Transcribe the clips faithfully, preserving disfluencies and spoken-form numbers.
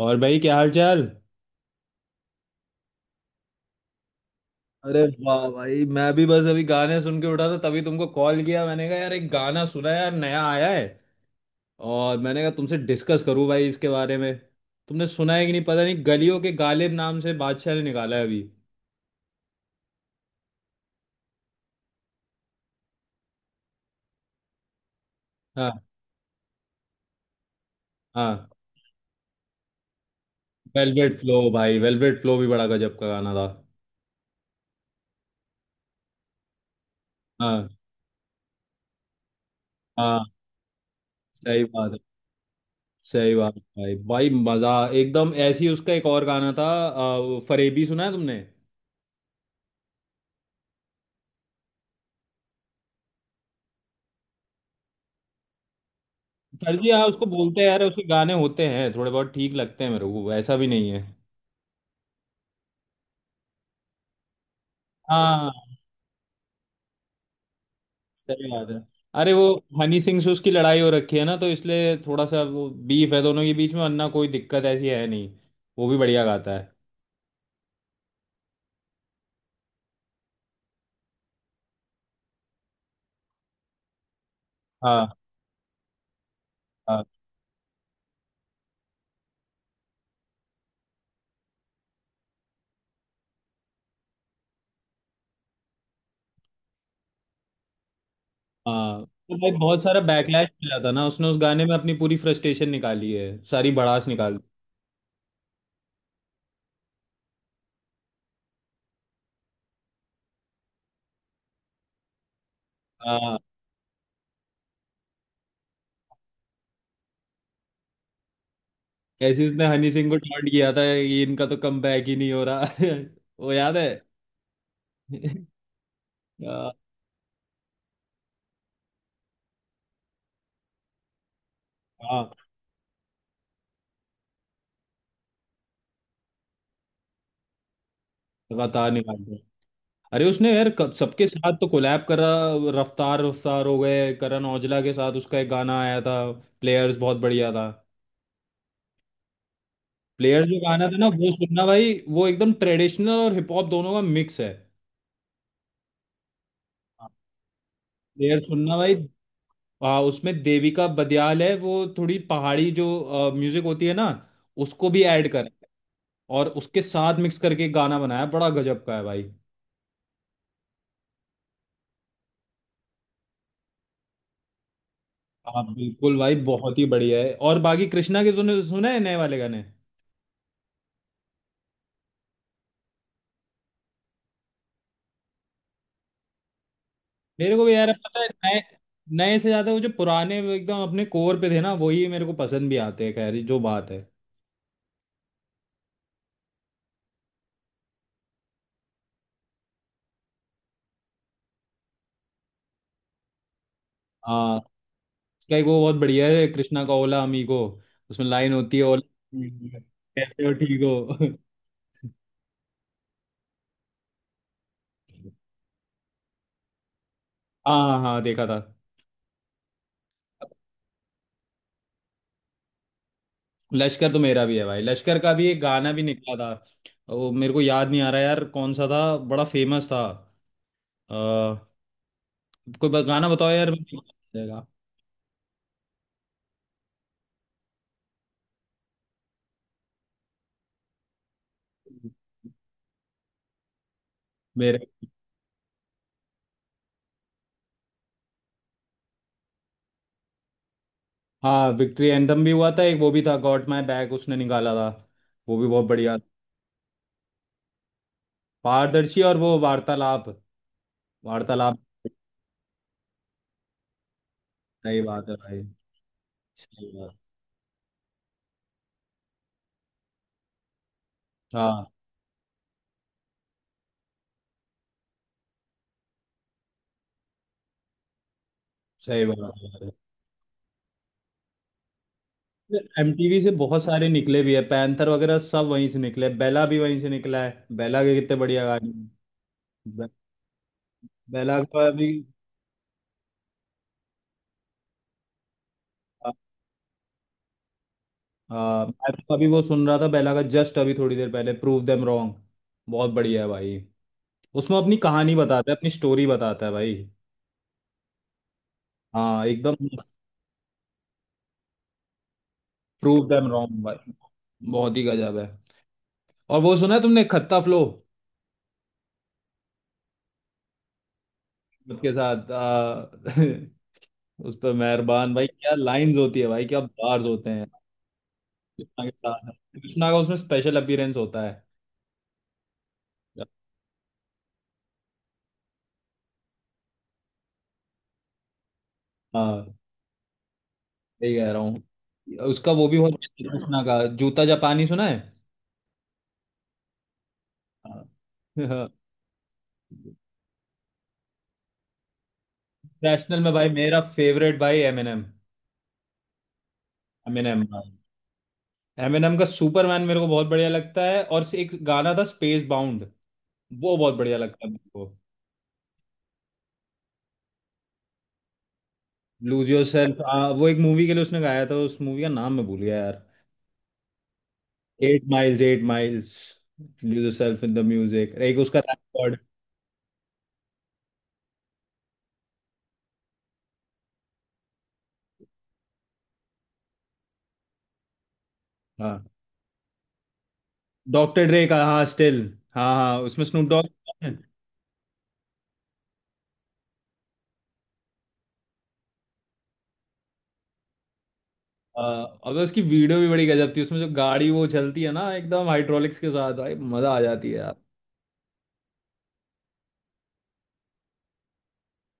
और भाई क्या हाल चाल। अरे वाह भाई, मैं भी बस अभी गाने सुन के उठा था, तभी तुमको कॉल किया। मैंने कहा यार, एक गाना सुना है यार, नया आया है। और मैंने कहा तुमसे डिस्कस करूं भाई इसके बारे में। तुमने सुना है कि नहीं पता नहीं, गलियों के गालिब नाम से बादशाह ने निकाला है अभी। हाँ। हाँ, वेलवेट फ्लो भाई, वेलवेट फ्लो भी बड़ा गजब का गाना था। हाँ। हाँ, सही बात है। सही बात है भाई, भाई मजा एकदम ऐसी। उसका एक और गाना था, अ, वो फरेबी सुना है तुमने? सर्जी हाँ, उसको बोलते हैं यार। उसके गाने होते हैं थोड़े बहुत, ठीक लगते हैं मेरे को, ऐसा भी नहीं है। हाँ। सही बात है। अरे वो हनी सिंह से उसकी लड़ाई हो रखी है ना, तो इसलिए थोड़ा सा वो बीफ है दोनों के बीच में, वरना कोई दिक्कत ऐसी है नहीं। वो भी बढ़िया गाता है। हाँ। हाँ, हाँ तो भाई बहुत सारा बैकलैश मिला था ना उसने, उस गाने में अपनी पूरी फ्रस्ट्रेशन निकाली है, सारी भड़ास निकाल दी। हाँ, ऐसे उसने हनी सिंह को टॉन्ट किया था, ये इनका तो कम बैक ही नहीं हो रहा। वो याद है? हाँ। हाँ, लगातार निकाल। अरे उसने यार क- सबके साथ तो कोलैब करा। रफ्तार, रफ्तार हो गए, करण औजला के साथ उसका एक गाना आया था, प्लेयर्स, बहुत बढ़िया था। प्लेयर्स जो गाना था ना, वो सुनना भाई। वो एकदम ट्रेडिशनल और हिप हॉप दोनों का मिक्स है। प्लेयर सुनना भाई। हाँ, उसमें देविका बदियाल है, वो थोड़ी पहाड़ी जो म्यूजिक होती है ना, उसको भी ऐड कर और उसके साथ मिक्स करके गाना बनाया, बड़ा गजब का है भाई। हाँ, बिल्कुल भाई, बहुत ही बढ़िया है। और बाकी कृष्णा के तूने सुना है नए वाले गाने? मेरे को भी यार पता है, नए नए से ज्यादा वो जो पुराने एकदम अपने कोर पे थे ना, वही मेरे को पसंद भी आते हैं। खैर ये जो बात है, हाँ, उसका एक वो बहुत बढ़िया है, कृष्णा का ओला अमीगो। उसमें लाइन होती है, ओला, कैसे हो, ठीक हो। हाँ, हाँ देखा था। लश्कर तो मेरा भी है भाई, लश्कर का भी एक गाना भी निकला था, वो मेरे को याद नहीं आ रहा यार कौन सा था, बड़ा फेमस था। आ, कोई ब- गाना बताओ यार, मेरे को याद नहीं आएगा। मेरे, हाँ विक्ट्री एंथम भी हुआ था। एक वो भी था, गॉट माय बैक, उसने निकाला था, वो भी बहुत बढ़िया था। पारदर्शी और वो वार्तालाप। वार्तालाप। सही बात है भाई। सही बात। हाँ, सही बात है। एमटीवी से बहुत सारे निकले भी है, पैंथर वगैरह सब वहीं से निकले, बेला भी वहीं से निकला है, बेला के कितने बढ़िया गाने हैं। बे, बेला का अभी हाँ। हाँ, मैं तो अभी वो सुन रहा था, बेला का, जस्ट अभी थोड़ी देर पहले, प्रूव देम रॉन्ग। बहुत बढ़िया है भाई, उसमें अपनी कहानी बताता है, अपनी स्टोरी बताता है भाई। हाँ एकदम। प्रूव देम रॉन्ग भाई, बहुत ही गजब है। और वो सुना है तुमने, खत्ता फ्लो के साथ आ, उस पर मेहरबान भाई, क्या लाइंस होती है भाई, क्या बार्स होते हैं। कृष्णा के साथ, कृष्णा का उसमें स्पेशल अपीयरेंस होता है। हाँ, सही कह रहा हूँ, उसका वो भी बहुत अच्छा है। कृष्णा का जूता जापानी सुना है? हाँ। इंटरनेशनल में भाई, मेरा फेवरेट भाई एमिनेम। एमिनेम भाई, एमिनेम का सुपरमैन मेरे को बहुत बढ़िया लगता है, और एक गाना था स्पेस बाउंड, वो बहुत बढ़िया लगता है मेरे को। लूज योर सेल्फ, वो एक मूवी के लिए उसने गाया था, उस मूवी का नाम मैं भूल गया यार। Eight miles, eight miles. Lose yourself in the music, एक उसका रिकॉर्ड। हाँ, डॉक्टर ड्रे का, हाँ स्टिल। हाँ, हाँ उसमें स्नूप डॉग। अब तो उसकी वीडियो भी बड़ी गजब थी, उसमें जो गाड़ी वो चलती है ना एकदम हाइड्रोलिक्स के साथ, भाई मजा आ जाती है यार।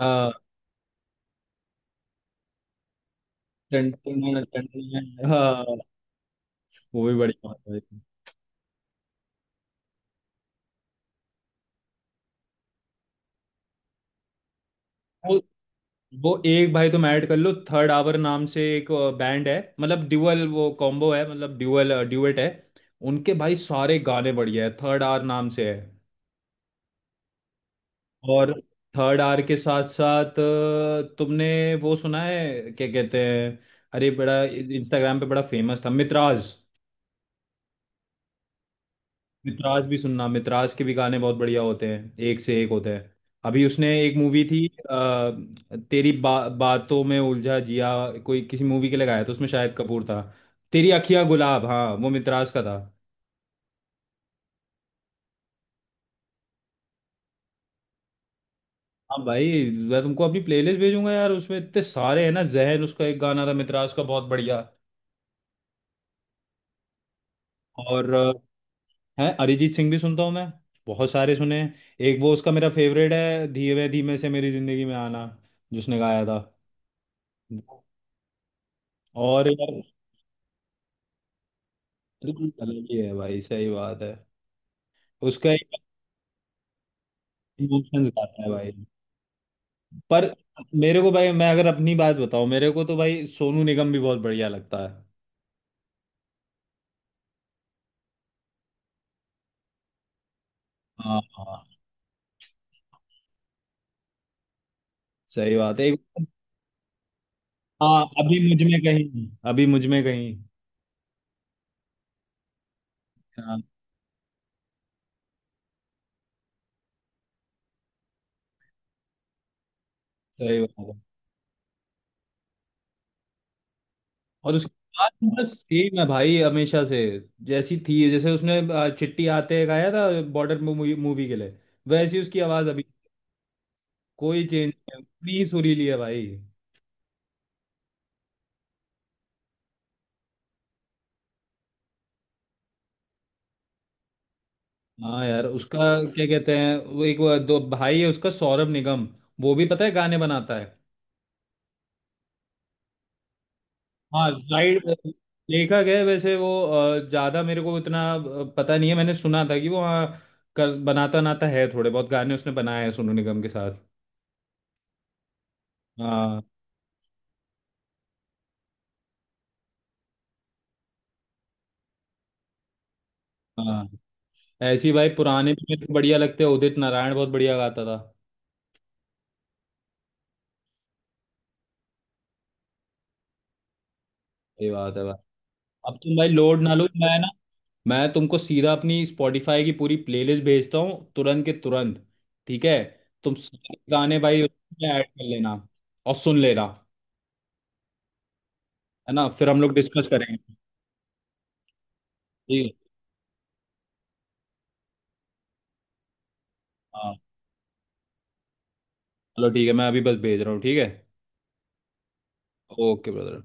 हाँ, टन- टन- टन- टन- टन- हाँ। वो भी बढ़िया बात है। वो एक भाई तुम ऐड कर लो, थर्ड आवर नाम से एक बैंड है, मतलब ड्यूअल वो कॉम्बो है, मतलब ड्यूअल ड्यूएट है। उनके भाई सारे गाने बढ़िया है, थर्ड आवर नाम से है। और थर्ड आवर के साथ साथ अ, तुमने वो सुना है, क्या कहते हैं, अरे बड़ा इंस्टाग्राम पे बड़ा फेमस था, मित्राज। मित्राज भी सुनना, मित्राज के भी गाने बहुत बढ़िया होते हैं, एक से एक होते हैं। अभी उसने एक मूवी थी अ, तेरी बा, बातों में उलझा जिया, कोई किसी मूवी के लिए गाया था, उसमें शाहिद कपूर था। तेरी अखियां गुलाब, हाँ वो मित्राज का था। हाँ भाई, मैं तुमको अपनी प्लेलिस्ट भेजूंगा यार, उसमें इतने सारे हैं ना, जहन उसका एक गाना था, मित्राज का, बहुत बढ़िया। और अ, है, अरिजीत सिंह भी सुनता हूँ मैं, बहुत सारे सुने हैं। एक वो उसका मेरा फेवरेट है, धीरे धीमे से मेरी जिंदगी में आना, जिसने गाया था। और यार, बिल्कुल अलग ही है भाई, सही बात है। उसका ही इमोशंस गाता है भाई, पर मेरे को भाई, मैं अगर अपनी बात बताऊं, मेरे को तो भाई सोनू निगम भी बहुत बढ़िया लगता है। हाँ। हाँ, सही बात है एक। हाँ, अभी मुझ में कहीं, अभी मुझ में कहीं। हाँ, सही बात है। और उसकी बात बस सेम है भाई हमेशा से, जैसी थी, जैसे उसने आ, चिट्ठी आते गाया था, बॉर्डर मूवी, मूवी के लिए, वैसी उसकी आवाज़ अभी कोई चेंज नहीं है, उतनी ही सुरीली है भाई। हाँ यार, उसका क्या कहते हैं, वो एक वो दो भाई है उसका, सौरभ निगम, वो भी पता है गाने बनाता है। हाँ राइट, लेखक है वैसे वो, अ, ज्यादा मेरे को इतना अ, पता नहीं है, मैंने सुना था कि वो, हाँ, कर बनाता नाता है, थोड़े बहुत गाने उसने बनाए हैं सोनू निगम के साथ। हाँ। हाँ, ऐसी भाई पुराने भी मेरे को बढ़िया लगते हैं, उदित नारायण बहुत बढ़िया गाता था। ये बात है भाई। अब तुम भाई लोड ना लो, मैं ना, मैं तुमको सीधा अपनी स्पॉटिफाई की पूरी प्लेलिस्ट भेजता हूँ, तुरंत के तुरंत। ठीक है, तुम सारे गाने भाई उसमें ऐड कर लेना और सुन लेना। है ना, फिर हम लोग डिस्कस करेंगे। ठीक है। हाँ, चलो ठीक है, मैं अभी बस भेज रहा हूँ, ठीक है? Okay brother.